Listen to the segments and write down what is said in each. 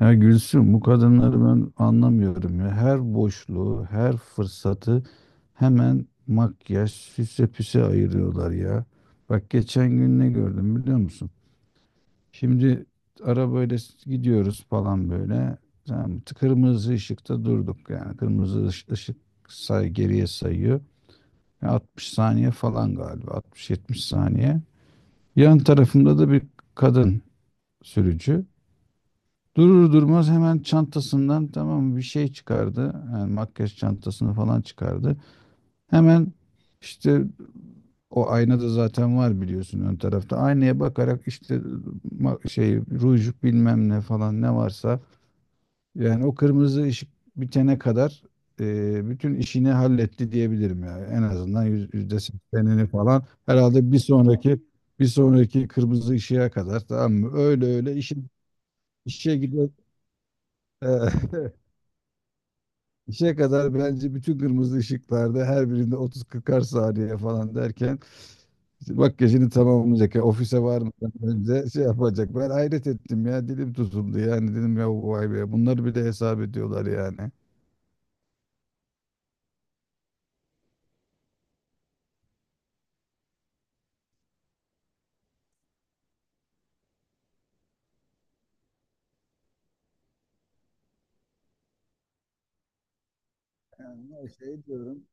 Ya Gülsüm bu kadınları ben anlamıyorum ya. Her boşluğu, her fırsatı hemen makyaj, süse püse ayırıyorlar ya. Bak geçen gün ne gördüm biliyor musun? Şimdi arabayla gidiyoruz falan böyle. Tamam mı? Kırmızı ışıkta durduk yani. Kırmızı ışık geriye sayıyor. Ya 60 saniye falan galiba. 60-70 saniye. Yan tarafımda da bir kadın sürücü. Durur durmaz hemen çantasından, tamam mı, bir şey çıkardı. Yani makyaj çantasını falan çıkardı. Hemen işte o ayna da zaten var biliyorsun ön tarafta. Aynaya bakarak işte şey, ruj, bilmem ne falan, ne varsa yani o kırmızı ışık bitene kadar bütün işini halletti diyebilirim yani. En azından %80'ini falan herhalde bir sonraki kırmızı ışığa kadar, tamam mı? Öyle öyle işe gidiyor. İşe kadar bence bütün kırmızı ışıklarda her birinde 30-40'ar saniye falan derken işte makyajını tamamlayacak. Ya ofise varmadan önce şey yapacak. Ben hayret ettim ya, dilim tutuldu yani, dedim ya vay be, bunları bile hesap ediyorlar yani. Yani şey diyorum.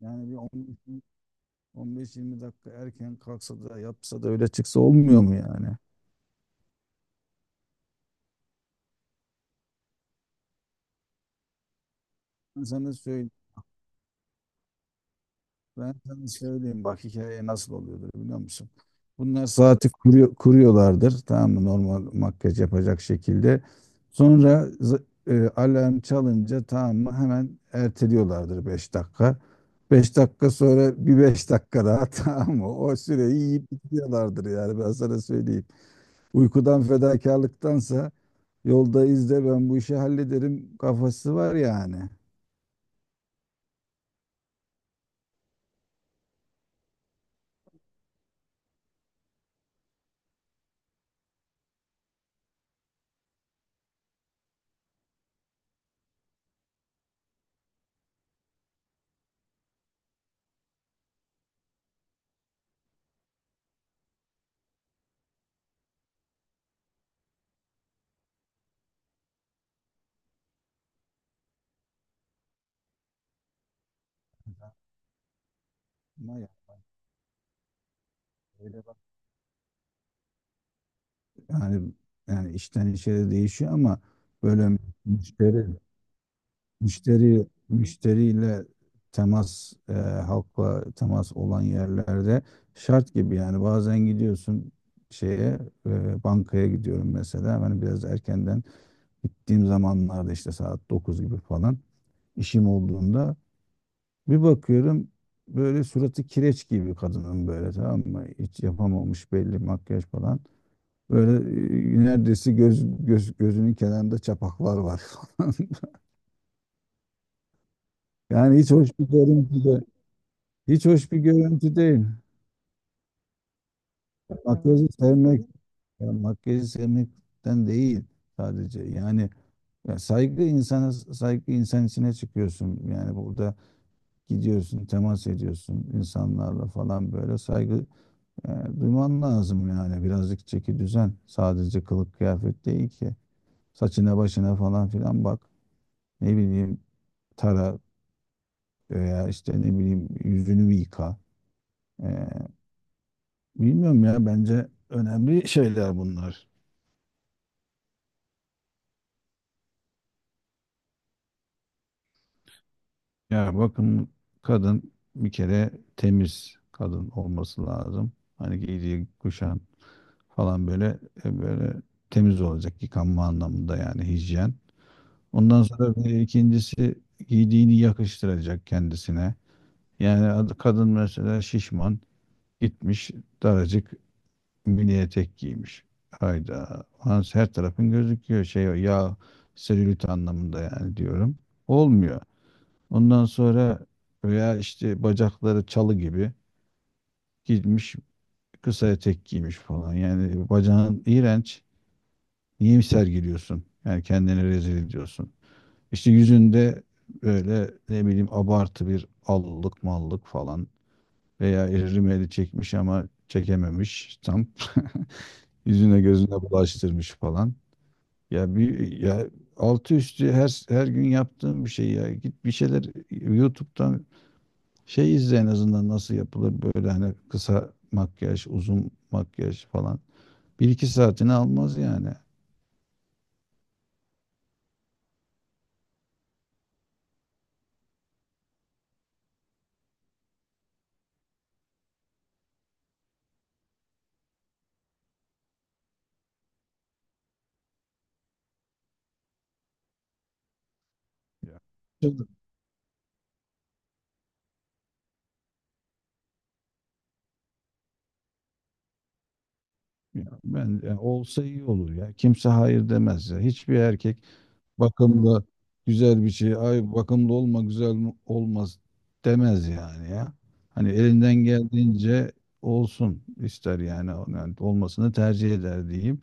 Yani bir 10, 15-20 dakika erken kalksa da yapsa da öyle çıksa olmuyor mu yani? Ben sana söyleyeyim, bak hikaye nasıl oluyordur biliyor musun? Bunlar saati kuruyorlardır, tamam mı, normal makyaj yapacak şekilde. Sonra alarm çalınca, tamam mı, hemen erteliyorlardır 5 dakika. 5 dakika sonra bir 5 dakika daha tamam mı? O süreyi yiyip bitiyorlardır yani, ben sana söyleyeyim. Uykudan fedakarlıktansa yolda izle, ben bu işi hallederim kafası var yani. Ama yani, öyle bak- yani, yani işten işe de değişiyor ama, böyle müşteri müşteriyle temas, halkla temas olan yerlerde şart gibi yani. Bazen gidiyorsun şeye, bankaya gidiyorum mesela, hani biraz erkenden gittiğim zamanlarda, işte saat 9 gibi falan, işim olduğunda bir bakıyorum böyle suratı kireç gibi kadının, böyle, tamam mı? Hiç yapamamış belli, makyaj falan. Böyle neredeyse gözünün kenarında çapaklar var falan. Yani hiç hoş bir görüntü değil. Makyajı sevmek, ya makyajı sevmekten değil sadece. Yani ya saygı insana, saygı insan içine çıkıyorsun. Yani burada gidiyorsun, temas ediyorsun insanlarla falan, böyle saygı, yani duyman lazım yani, birazcık çeki düzen. Sadece kılık kıyafet değil ki. Saçına başına falan filan bak. Ne bileyim, tara, veya işte ne bileyim, yüzünü bir yıka. Ee, bilmiyorum ya, bence önemli şeyler bunlar. Ya bakın, kadın bir kere temiz kadın olması lazım. Hani giydiği kuşan falan, böyle böyle temiz olacak, yıkanma anlamında yani, hijyen. Ondan sonra bir ikincisi, giydiğini yakıştıracak kendisine. Yani kadın mesela şişman, gitmiş daracık mini etek giymiş. Hayda. Ulan her tarafın gözüküyor, şey ya, selülit anlamında yani diyorum. Olmuyor. Ondan sonra, veya işte bacakları çalı gibi, gitmiş kısa etek giymiş falan. Yani bacağın iğrenç. Niye sergiliyorsun? Yani kendini rezil ediyorsun. İşte yüzünde böyle, ne bileyim, abartı bir allık mallık falan, veya rimeli çekmiş ama çekememiş tam, yüzüne gözüne bulaştırmış falan. Ya bir, ya altı üstü her gün yaptığım bir şey ya. Git bir şeyler YouTube'dan şey izle, en azından nasıl yapılır, böyle hani, kısa makyaj, uzun makyaj falan. Bir iki saatini almaz yani. Ya canım, ya ben, ya olsa iyi olur ya. Kimse hayır demez ya. Hiçbir erkek bakımlı güzel bir şey, ay bakımlı olma olmaz demez yani ya. Hani elinden geldiğince olsun ister yani, olmasını tercih eder diyeyim.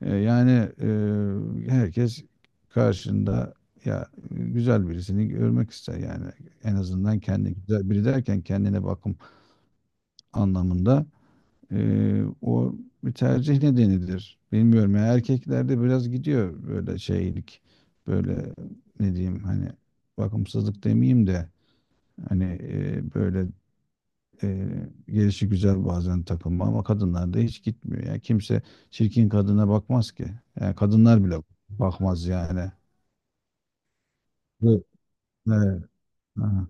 Yani herkes karşında ya güzel birisini görmek ister yani, en azından kendi, güzel biri derken kendine bakım anlamında. O bir tercih nedenidir. Bilmiyorum ya, erkeklerde biraz gidiyor böyle şeylik, böyle ne diyeyim, hani bakımsızlık demeyeyim de, hani böyle e, gelişi güzel bazen takılma, ama kadınlarda hiç gitmiyor. Yani kimse çirkin kadına bakmaz ki. Yani kadınlar bile bakmaz yani. Evet. Evet. Ha.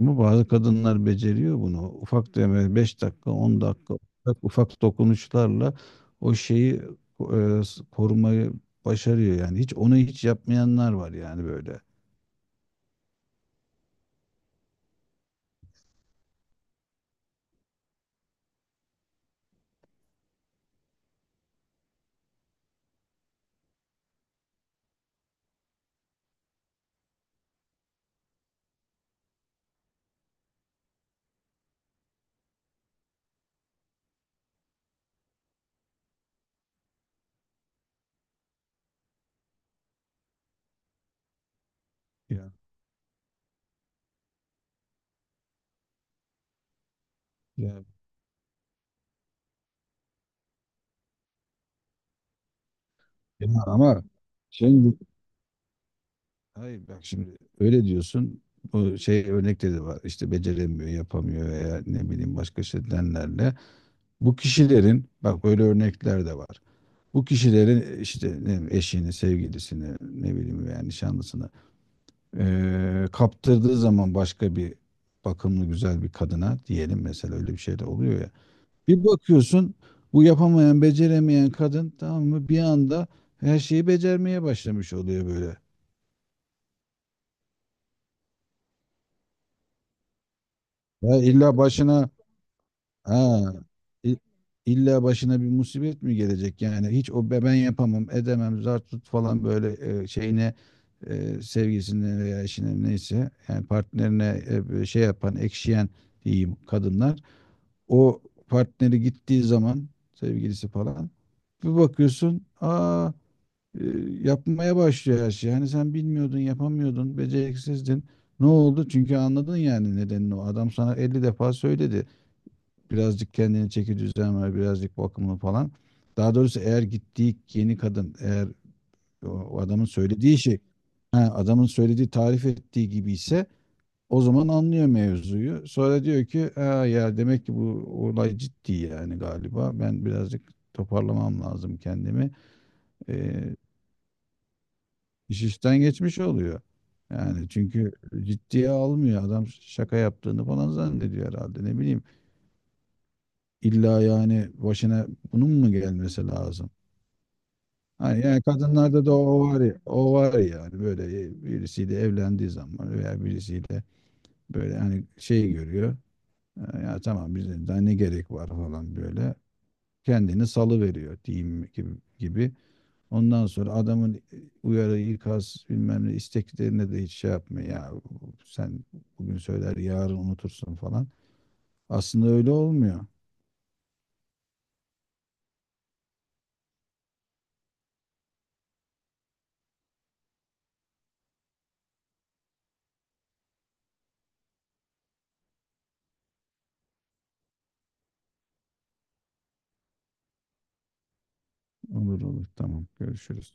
Ama bazı kadınlar beceriyor bunu. Ufak deme, 5 dakika, 10 dakika, ufak, ufak dokunuşlarla o şeyi, e, korumayı başarıyor yani. Hiç onu hiç yapmayanlar var yani böyle. Ya, ya, ya ama şimdi, hayır bak, şimdi öyle diyorsun. Bu şey örnekleri de var. İşte beceremiyor, yapamıyor veya ne bileyim başka şeylerle. Bu kişilerin, bak, böyle örnekler de var. Bu kişilerin işte, ne bileyim, eşini, sevgilisini, ne bileyim yani, nişanlısını kaptırdığı zaman başka bir bakımlı güzel bir kadına diyelim mesela, öyle bir şey de oluyor ya. Bir bakıyorsun, bu yapamayan, beceremeyen kadın, tamam mı, bir anda her şeyi becermeye başlamış oluyor böyle. Ya Aa, i- illa başına bir musibet mi gelecek yani? Hiç o ben yapamam edemem, zar tut falan, böyle şeyine, sevgisine veya eşine, neyse yani partnerine, böyle şey yapan, ekşiyen diyeyim kadınlar, o partneri gittiği zaman, sevgilisi falan, bir bakıyorsun, aa, e, yapmaya başlıyor her şey. Hani sen bilmiyordun, yapamıyordun, beceriksizdin, ne oldu? Çünkü anladın yani nedenini, o adam sana 50 defa söyledi, birazcık kendini çeki düzen ver, birazcık bakımlı falan. Daha doğrusu eğer gittiği yeni kadın, eğer o adamın söylediği şey, ha, adamın söylediği, tarif ettiği gibi ise, o zaman anlıyor mevzuyu. Sonra diyor ki ha, ya demek ki bu olay ciddi yani galiba. Ben birazcık toparlamam lazım kendimi. Ee, iş işten geçmiş oluyor. Yani çünkü ciddiye almıyor. Adam şaka yaptığını falan zannediyor herhalde. Ne bileyim. İlla yani başına bunun mu gelmesi lazım? Hani yani kadınlarda da o var ya, o var ya, yani böyle birisiyle evlendiği zaman veya birisiyle böyle hani şey görüyor. Ya tamam bizim daha ne gerek var falan, böyle kendini salı veriyor diyeyim gibi. Ondan sonra adamın, uyarı, ikaz, bilmem ne isteklerine de hiç şey yapmıyor. Ya sen bugün söyler yarın unutursun falan. Aslında öyle olmuyor. Olur olur, tamam, görüşürüz.